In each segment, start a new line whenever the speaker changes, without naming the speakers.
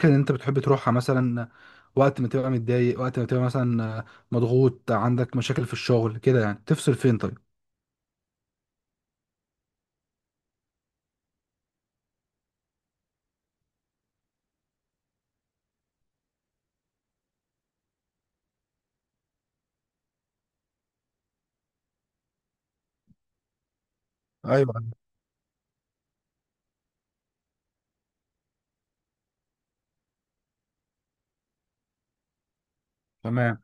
الأماكن اللي أنت بتحب تروحها مثلا، وقت ما تبقى متضايق، وقت ما تبقى مثلا مضغوط، عندك مشاكل في الشغل كده يعني، تفصل فين طيب؟ ايوه. تمام.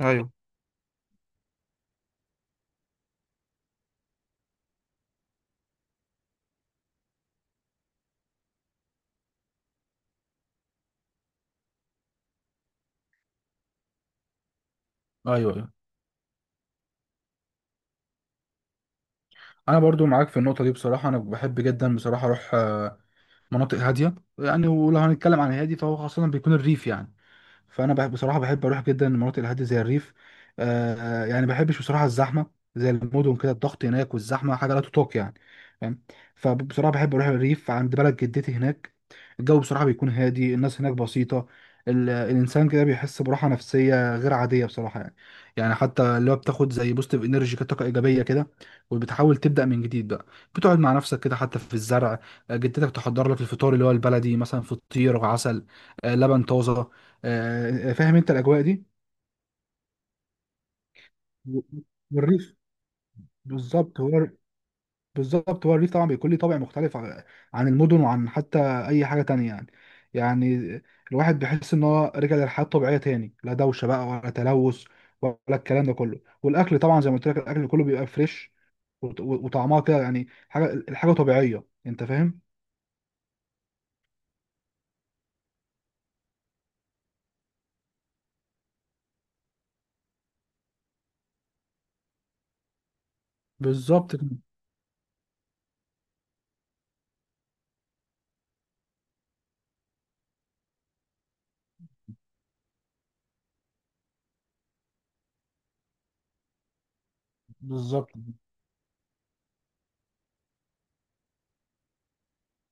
ايوه، ايوه. ايوه، انا برضو معاك في النقطه دي بصراحه، انا بحب جدا بصراحه اروح مناطق هاديه، يعني ولو هنتكلم عن هادي فهو خاصه بيكون الريف يعني. فانا بصراحه بحب اروح جدا المناطق الهاديه زي الريف. آه يعني ما بحبش بصراحه الزحمه، زي المدن كده، الضغط هناك والزحمه حاجه لا تطاق يعني، فاهم؟ فبصراحه بحب اروح الريف عند بلد جدتي هناك. الجو بصراحه بيكون هادي، الناس هناك بسيطه. الانسان كده بيحس براحه نفسيه غير عاديه بصراحه يعني. يعني حتى اللي هو بتاخد زي بوستيف انرجي كده، طاقه ايجابيه كده، وبتحاول تبدا من جديد بقى. بتقعد مع نفسك كده، حتى في الزرع. جدتك تحضر لك الفطار اللي هو البلدي مثلا، فطير وعسل، لبن طازه. فاهم انت الاجواء دي؟ والريف بالظبط هو، بالظبط هو الريف طبعا بيكون ليه طابع مختلف عن المدن، وعن حتى اي حاجه تانية يعني. يعني الواحد بيحس ان هو رجع للحياه الطبيعيه تاني، لا دوشه بقى ولا تلوث ولا الكلام ده كله، والاكل طبعا زي ما قلت لك الاكل كله بيبقى فريش، وطعمها كده يعني حاجه، الحاجه طبيعيه، انت فاهم؟ بالظبط كده، بالظبط،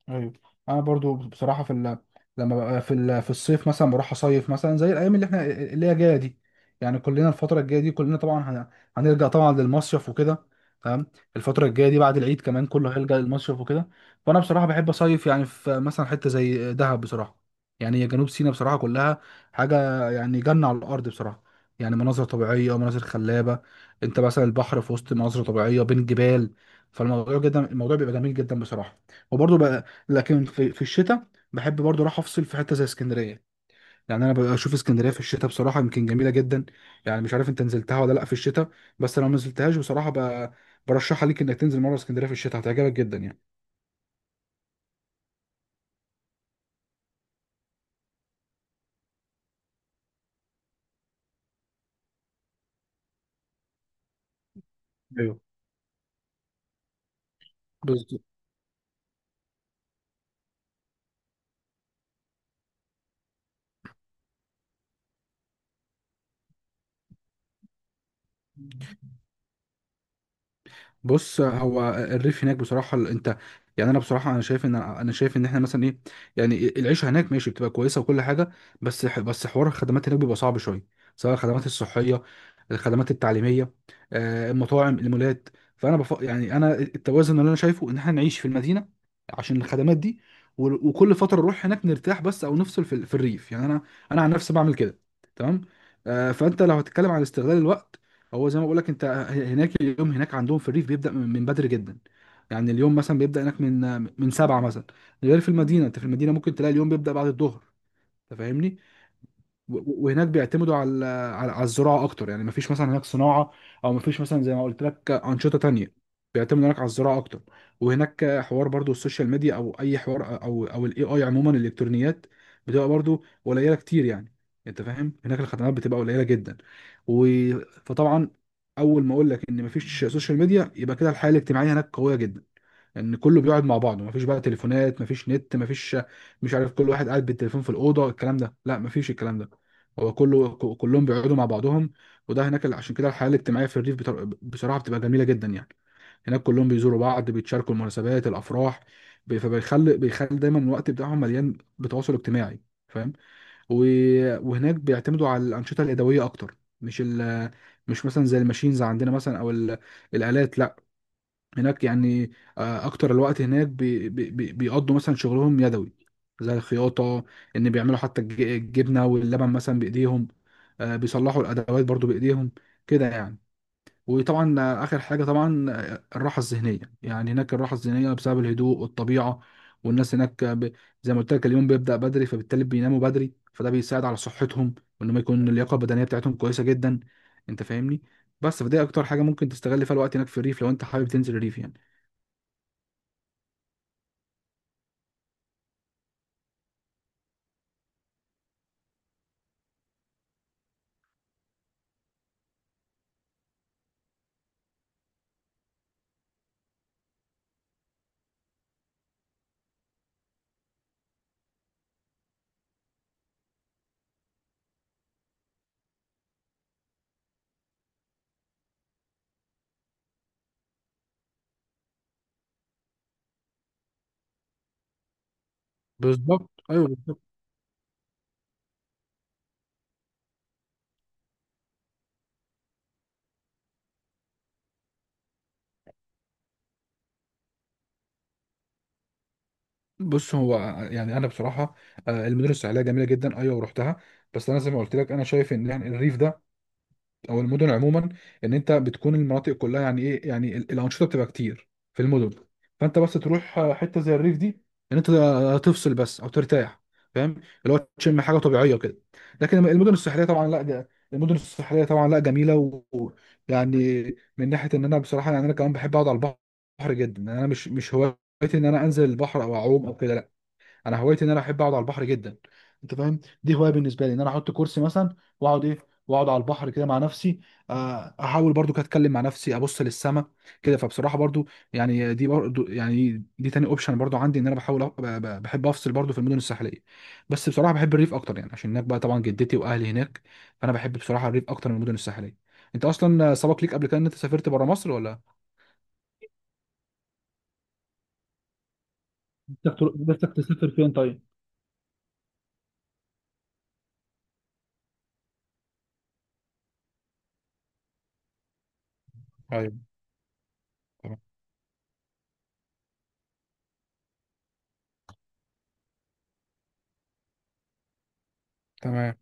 ايوه. انا برضو بصراحه لما ببقى في الصيف مثلا بروح اصيف مثلا زي الايام اللي احنا اللي هي جايه دي، يعني كلنا الفتره الجايه دي، كلنا طبعا هنرجع طبعا للمصيف وكده. تمام. الفتره الجايه دي بعد العيد كمان كله هيلجأ للمصيف وكده. فانا بصراحه بحب اصيف يعني في مثلا حته زي دهب بصراحه، يعني هي جنوب سيناء بصراحه كلها حاجه، يعني جنه على الارض بصراحه. يعني مناظر طبيعيه ومناظر خلابه، انت مثلا البحر في وسط مناظر طبيعيه بين جبال، فالموضوع جدا، الموضوع بيبقى جميل جدا بصراحه. وبرضه لكن في الشتاء بحب برضو اروح افصل في حته زي اسكندريه، يعني انا بشوف اسكندريه في الشتاء بصراحه يمكن جميله جدا. يعني مش عارف انت نزلتها ولا لا في الشتاء، بس لو ما نزلتهاش بصراحه برشحها ليك انك تنزل مره اسكندريه في الشتاء، هتعجبك جدا يعني. ايوه. بز- بص هو الريف هناك بصراحة، انت يعني انا بصراحة، انا شايف ان احنا مثلا ايه، يعني العيشة هناك ماشي بتبقى كويسة وكل حاجة، بس حوار الخدمات هناك بيبقى صعب شوية، سواء الخدمات الصحية، الخدمات التعليمية، المطاعم، المولات. فانا يعني انا التوازن اللي انا شايفه ان احنا نعيش في المدينة عشان الخدمات دي، وكل فترة نروح هناك نرتاح بس، او نفصل في الريف يعني، انا عن نفسي بعمل كده. تمام. فانت لو هتتكلم عن استغلال الوقت، هو زي ما بقول لك، انت هناك اليوم هناك عندهم في الريف بيبدا من بدري جدا، يعني اليوم مثلا بيبدا هناك من 7 مثلا، غير في المدينه، انت في المدينه ممكن تلاقي اليوم بيبدا بعد الظهر، انت فاهمني. وهناك بيعتمدوا على الزراعه اكتر، يعني مفيش مثلا هناك صناعه، او مفيش مثلا زي ما قلت لك انشطه تانية، بيعتمدوا هناك على الزراعه اكتر. وهناك حوار برضو السوشيال ميديا، او اي حوار او الاي عموما الالكترونيات بتبقى برضو قليله كتير يعني، انت فاهم، هناك الخدمات بتبقى قليله جدا. و... فطبعا، اول ما اقول لك ان مفيش سوشيال ميديا، يبقى كده الحياه الاجتماعيه هناك قويه جدا، ان كله بيقعد مع بعضه، مفيش بقى تليفونات، مفيش نت، مفيش، مش عارف، كل واحد قاعد بالتليفون في الاوضه، الكلام ده لا، مفيش الكلام ده. هو كله كلهم بيقعدوا مع بعضهم، وده هناك عشان كده الحياه الاجتماعيه في الريف بصراحه بتبقى جميله جدا يعني، هناك كلهم بيزوروا بعض، بيتشاركوا المناسبات، الافراح، فبيخلي دايما الوقت بتاعهم مليان بتواصل اجتماعي، فاهم. وهناك بيعتمدوا على الانشطه اليدويه اكتر، مش مثلا زي الماشينز عندنا مثلا، او الالات لا، هناك يعني، اكتر الوقت هناك بيقضوا مثلا شغلهم يدوي، زي الخياطة، ان بيعملوا حتى الجبنة واللبن مثلا بايديهم، بيصلحوا الادوات برضو بايديهم كده يعني. وطبعا اخر حاجة طبعا، الراحة الذهنية، يعني هناك الراحة الذهنية بسبب الهدوء والطبيعة، والناس هناك زي ما قلت لك اليوم بيبدأ بدري، فبالتالي بيناموا بدري، فده بيساعد على صحتهم، وان ما يكون اللياقة البدنية بتاعتهم كويسة جدا، انت فاهمني. بس فدي اكتر حاجة ممكن تستغل فيها الوقت هناك في الريف، لو انت حابب تنزل الريف يعني. بالظبط، ايوه، بالظبط. بص هو، يعني انا بصراحه، المدن الساحليه جميله جدا، ايوه، ورحتها. بس انا زي ما قلت لك، انا شايف ان يعني الريف ده، او المدن عموما، ان انت بتكون المناطق كلها يعني ايه، يعني الانشطه بتبقى كتير في المدن، فانت بس تروح حته زي الريف دي، ان انت تفصل بس او ترتاح، فاهم، اللي هو تشم حاجه طبيعيه كده. لكن المدن الساحليه طبعا لا، ده المدن الساحليه طبعا لا، جميله، ويعني من ناحيه ان انا بصراحه، يعني انا كمان بحب اقعد على البحر جدا، يعني انا مش هوايتي ان انا انزل البحر او اعوم او كده، لا، انا هوايتي ان انا احب اقعد على البحر جدا. انت فاهم، دي هوايه بالنسبه لي، ان انا احط كرسي مثلا واقعد ايه، واقعد على البحر كده مع نفسي، احاول برضو كده اتكلم مع نفسي، ابص للسما كده، فبصراحه برضو، يعني دي برضو، يعني دي تاني اوبشن برضو عندي، ان انا بحاول بحب افصل برضو في المدن الساحليه، بس بصراحه بحب الريف اكتر يعني، عشان هناك بقى طبعا جدتي واهلي هناك، فانا بحب بصراحه الريف اكتر من المدن الساحليه. انت اصلا سبق ليك قبل كده ان انت سافرت بره مصر ولا؟ نفسك تسافر فين طيب؟ ايوه. تمام. تمام.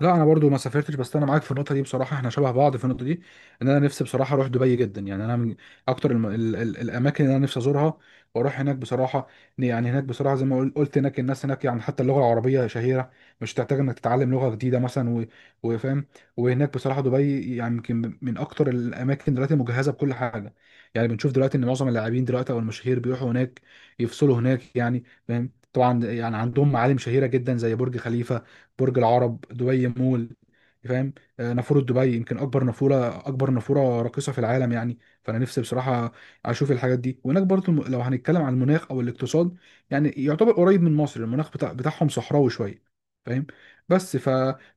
لا، انا برضو ما سافرتش، بس انا معاك في النقطه دي بصراحه، احنا شبه بعض في النقطه دي، ان انا نفسي بصراحه اروح دبي جدا، يعني انا من اكتر الاماكن اللي انا نفسي ازورها، واروح هناك بصراحه. يعني هناك بصراحه زي ما قلت، هناك الناس هناك يعني حتى اللغه العربيه شهيره، مش تحتاج انك تتعلم لغه جديده مثلا، وفاهم. وهناك بصراحه دبي يعني يمكن من اكتر الاماكن دلوقتي مجهزه بكل حاجه، يعني بنشوف دلوقتي ان معظم اللاعبين دلوقتي او المشاهير بيروحوا هناك، يفصلوا هناك يعني، فاهم طبعا، يعني عندهم معالم شهيره جدا، زي برج خليفه، برج العرب، دبي مول، يعني فاهم، نافوره دبي، يمكن اكبر نافوره، اكبر نافوره راقصه في العالم، يعني فانا نفسي بصراحه اشوف الحاجات دي. وهناك برضه لو هنتكلم عن المناخ او الاقتصاد، يعني يعتبر قريب من مصر، المناخ بتاعهم صحراوي شويه، فاهم. بس ف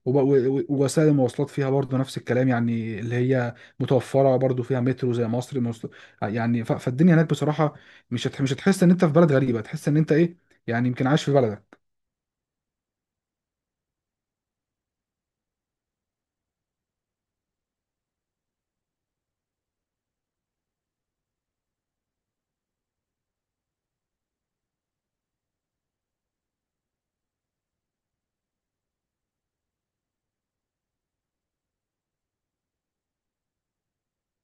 وب- و- و- ووسائل المواصلات فيها برضه نفس الكلام، يعني اللي هي متوفره، برضه فيها مترو زي مصر، يعني فالدنيا هناك بصراحه، مش هتحس ان انت في بلد غريبه، تحس ان انت ايه، يعني يمكن عايش في بلدك.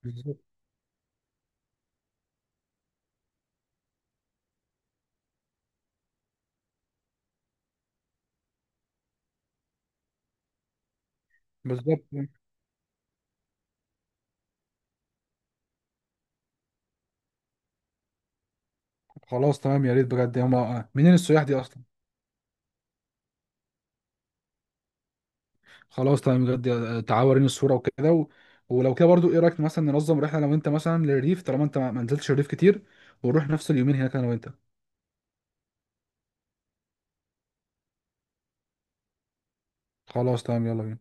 بالظبط. بالظبط. خلاص تمام، يا ريت بجد، هما منين السياح دي اصلا؟ خلاص تمام بجد، تعالوا وريني الصوره وكده ولو كده برضو، ايه رايك مثلا ننظم رحله، لو انت مثلا للريف، طالما انت ما نزلتش الريف كتير، ونروح نفس اليومين هناك انا وانت. خلاص تمام، يلا بينا.